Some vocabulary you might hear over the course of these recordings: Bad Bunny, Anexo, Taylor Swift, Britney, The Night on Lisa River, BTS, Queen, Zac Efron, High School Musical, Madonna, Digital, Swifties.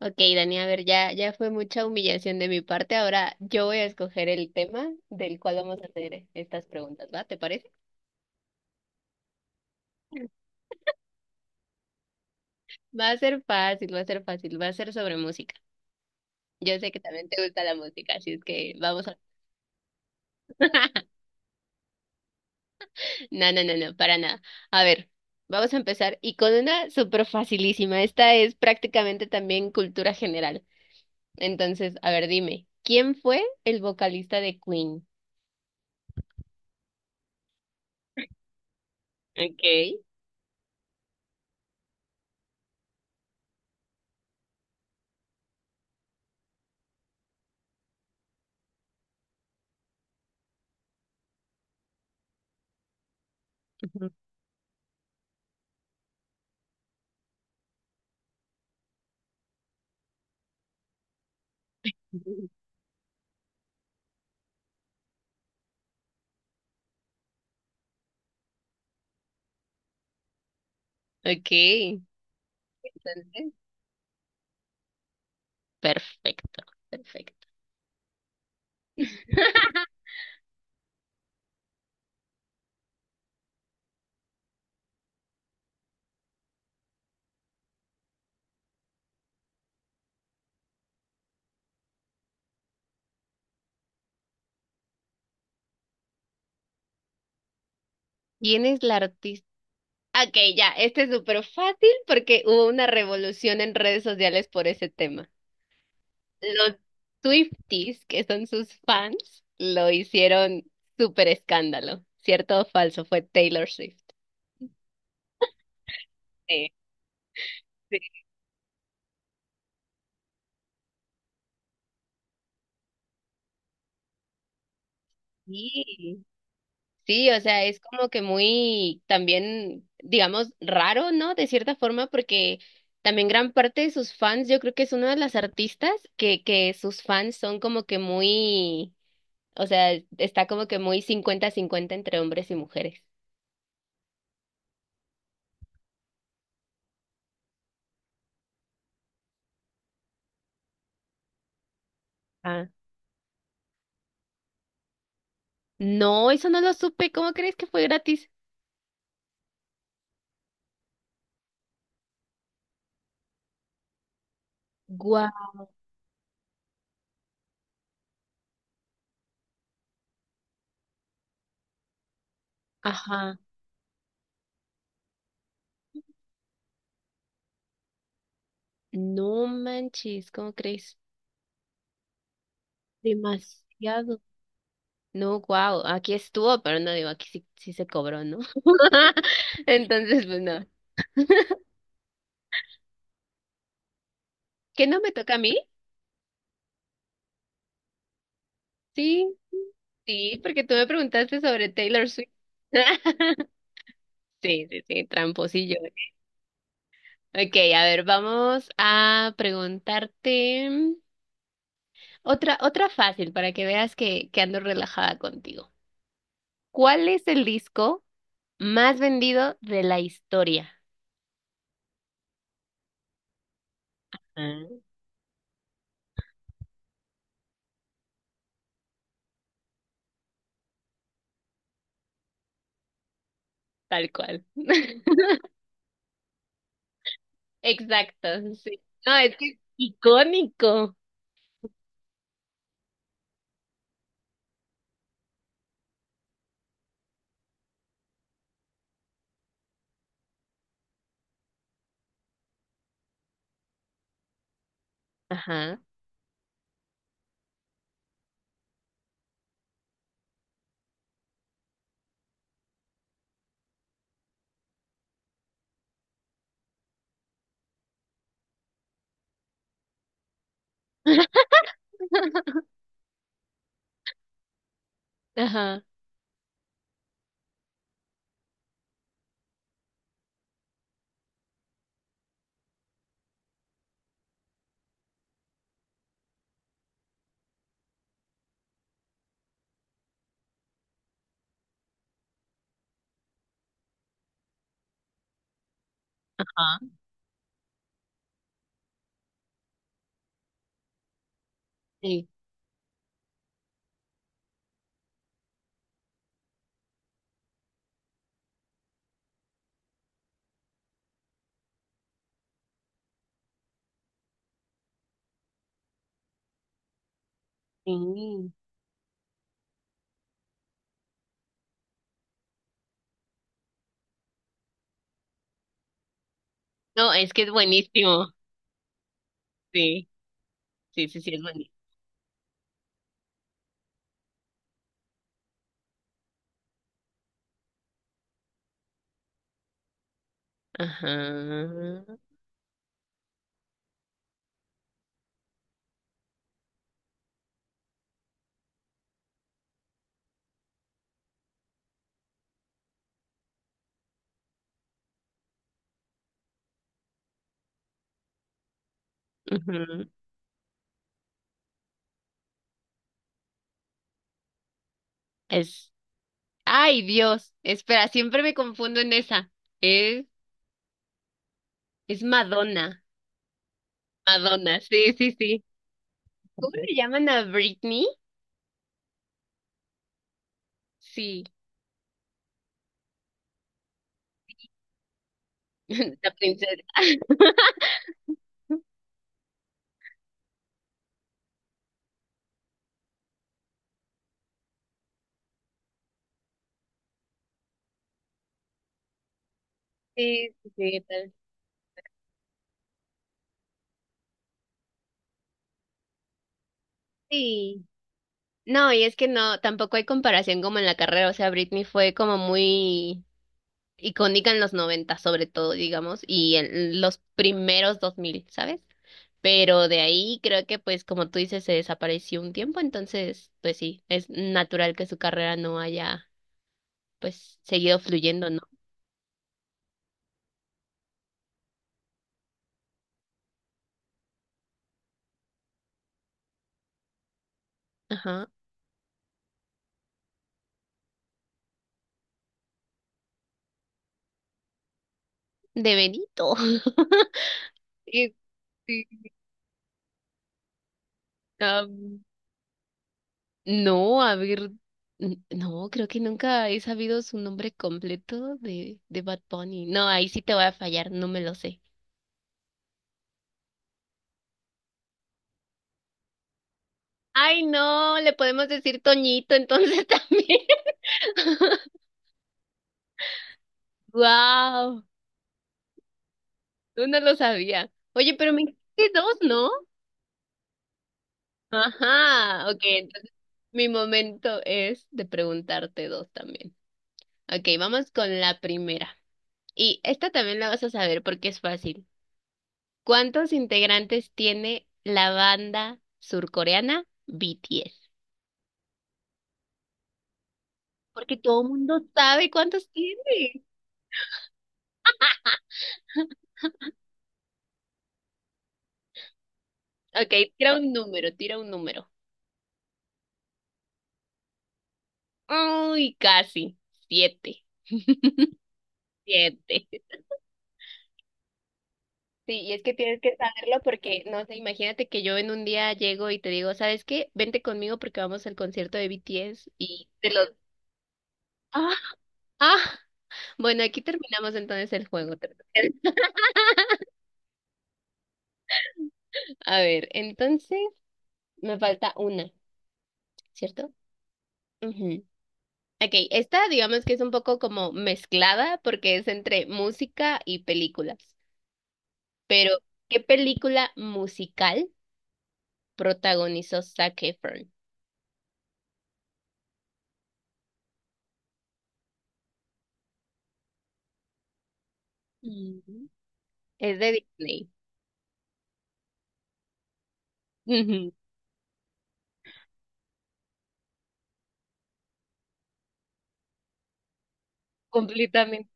Ok, Dani, a ver, ya, ya fue mucha humillación de mi parte. Ahora yo voy a escoger el tema del cual vamos a hacer estas preguntas, ¿va? ¿Te parece? Va a ser fácil, va a ser fácil, va a ser sobre música. Yo sé que también te gusta la música, así es que vamos a... No, no, no, no, para nada. A ver, vamos a empezar y con una súper facilísima. Esta es prácticamente también cultura general. Entonces, a ver, dime, ¿quién fue el vocalista de Queen? Ok. Ok. Entonces, perfecto, perfecto. ¿Quién es la artista? Ok, ya, este es súper fácil porque hubo una revolución en redes sociales por ese tema. Los Swifties, que son sus fans, lo hicieron súper escándalo. ¿Cierto o falso? Fue Taylor Swift. Sí, sí. Sí, o sea, es como que muy también, digamos, raro, ¿no? De cierta forma, porque también gran parte de sus fans, yo creo que es una de las artistas que sus fans son como que muy, o sea, está como que muy cincuenta cincuenta entre hombres y mujeres. Ah. No, eso no lo supe, ¿cómo crees que fue gratis? Guau, ajá, no manches, ¿cómo crees? Demasiado. No, wow, aquí estuvo, pero no digo, aquí sí, sí se cobró, ¿no? Entonces, pues no. ¿Que no me toca a mí? Sí, sí, porque tú me preguntaste sobre Taylor Swift. Sí, sí, sí, tramposillo. Ok, a ver, vamos a preguntarte otra fácil para que veas que ando relajada contigo. ¿Cuál es el disco más vendido de la historia? Ah, tal cual. Exacto, sí. No, es que es icónico. Ajá. Ajá. Ajá. Sí, sí. No, es que es buenísimo. Sí, sí, sí, sí, es buenísimo. Ajá. Ujú. Es. Ay, Dios. Espera, siempre me confundo en esa. Es, es Madonna. Madonna, sí, sí, sí. ¿Cómo le llaman a Britney? Sí, la princesa. Sí, sí, sí, tal. Sí. No, y es que no, tampoco hay comparación como en la carrera. O sea, Britney fue como muy icónica en los 90 sobre todo, digamos, y en los primeros dos mil, ¿sabes? Pero de ahí creo que pues como tú dices se desapareció un tiempo, entonces pues sí, es natural que su carrera no haya pues seguido fluyendo, ¿no? Ajá. De Benito. Este, am, no, a ver, no, creo que nunca he sabido su nombre completo de Bad Bunny. No, ahí sí te voy a fallar, no me lo sé. Ay, no, le podemos decir Toñito entonces también. Wow, tú no lo sabía. Oye, pero me dijiste dos, ¿no? Ajá, ok, entonces mi momento es de preguntarte dos también. Ok, vamos con la primera. Y esta también la vas a saber porque es fácil. ¿Cuántos integrantes tiene la banda surcoreana BTS? Porque todo el mundo sabe cuántos tiene. Ok, tira un número, tira un número. Uy, casi. Siete, siete. Sí, y es que tienes que saberlo porque, no sé, imagínate que yo en un día llego y te digo, ¿sabes qué? Vente conmigo porque vamos al concierto de BTS y te los... Ah, ah, bueno, aquí terminamos entonces el juego. ¿Parece? A ver, entonces me falta una, ¿cierto? Ujú. Ok, esta digamos que es un poco como mezclada porque es entre música y películas. Pero, ¿qué película musical protagonizó Zac Efron? Mm. Es de Disney. Ujú. Completamente.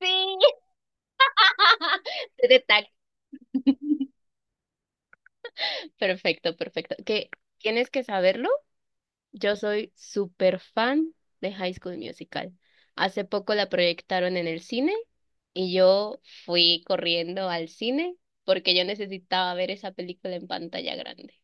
Sí, sé de tag. Perfecto, perfecto. Que tienes que saberlo. Yo soy súper fan de High School Musical. Hace poco la proyectaron en el cine y yo fui corriendo al cine porque yo necesitaba ver esa película en pantalla grande.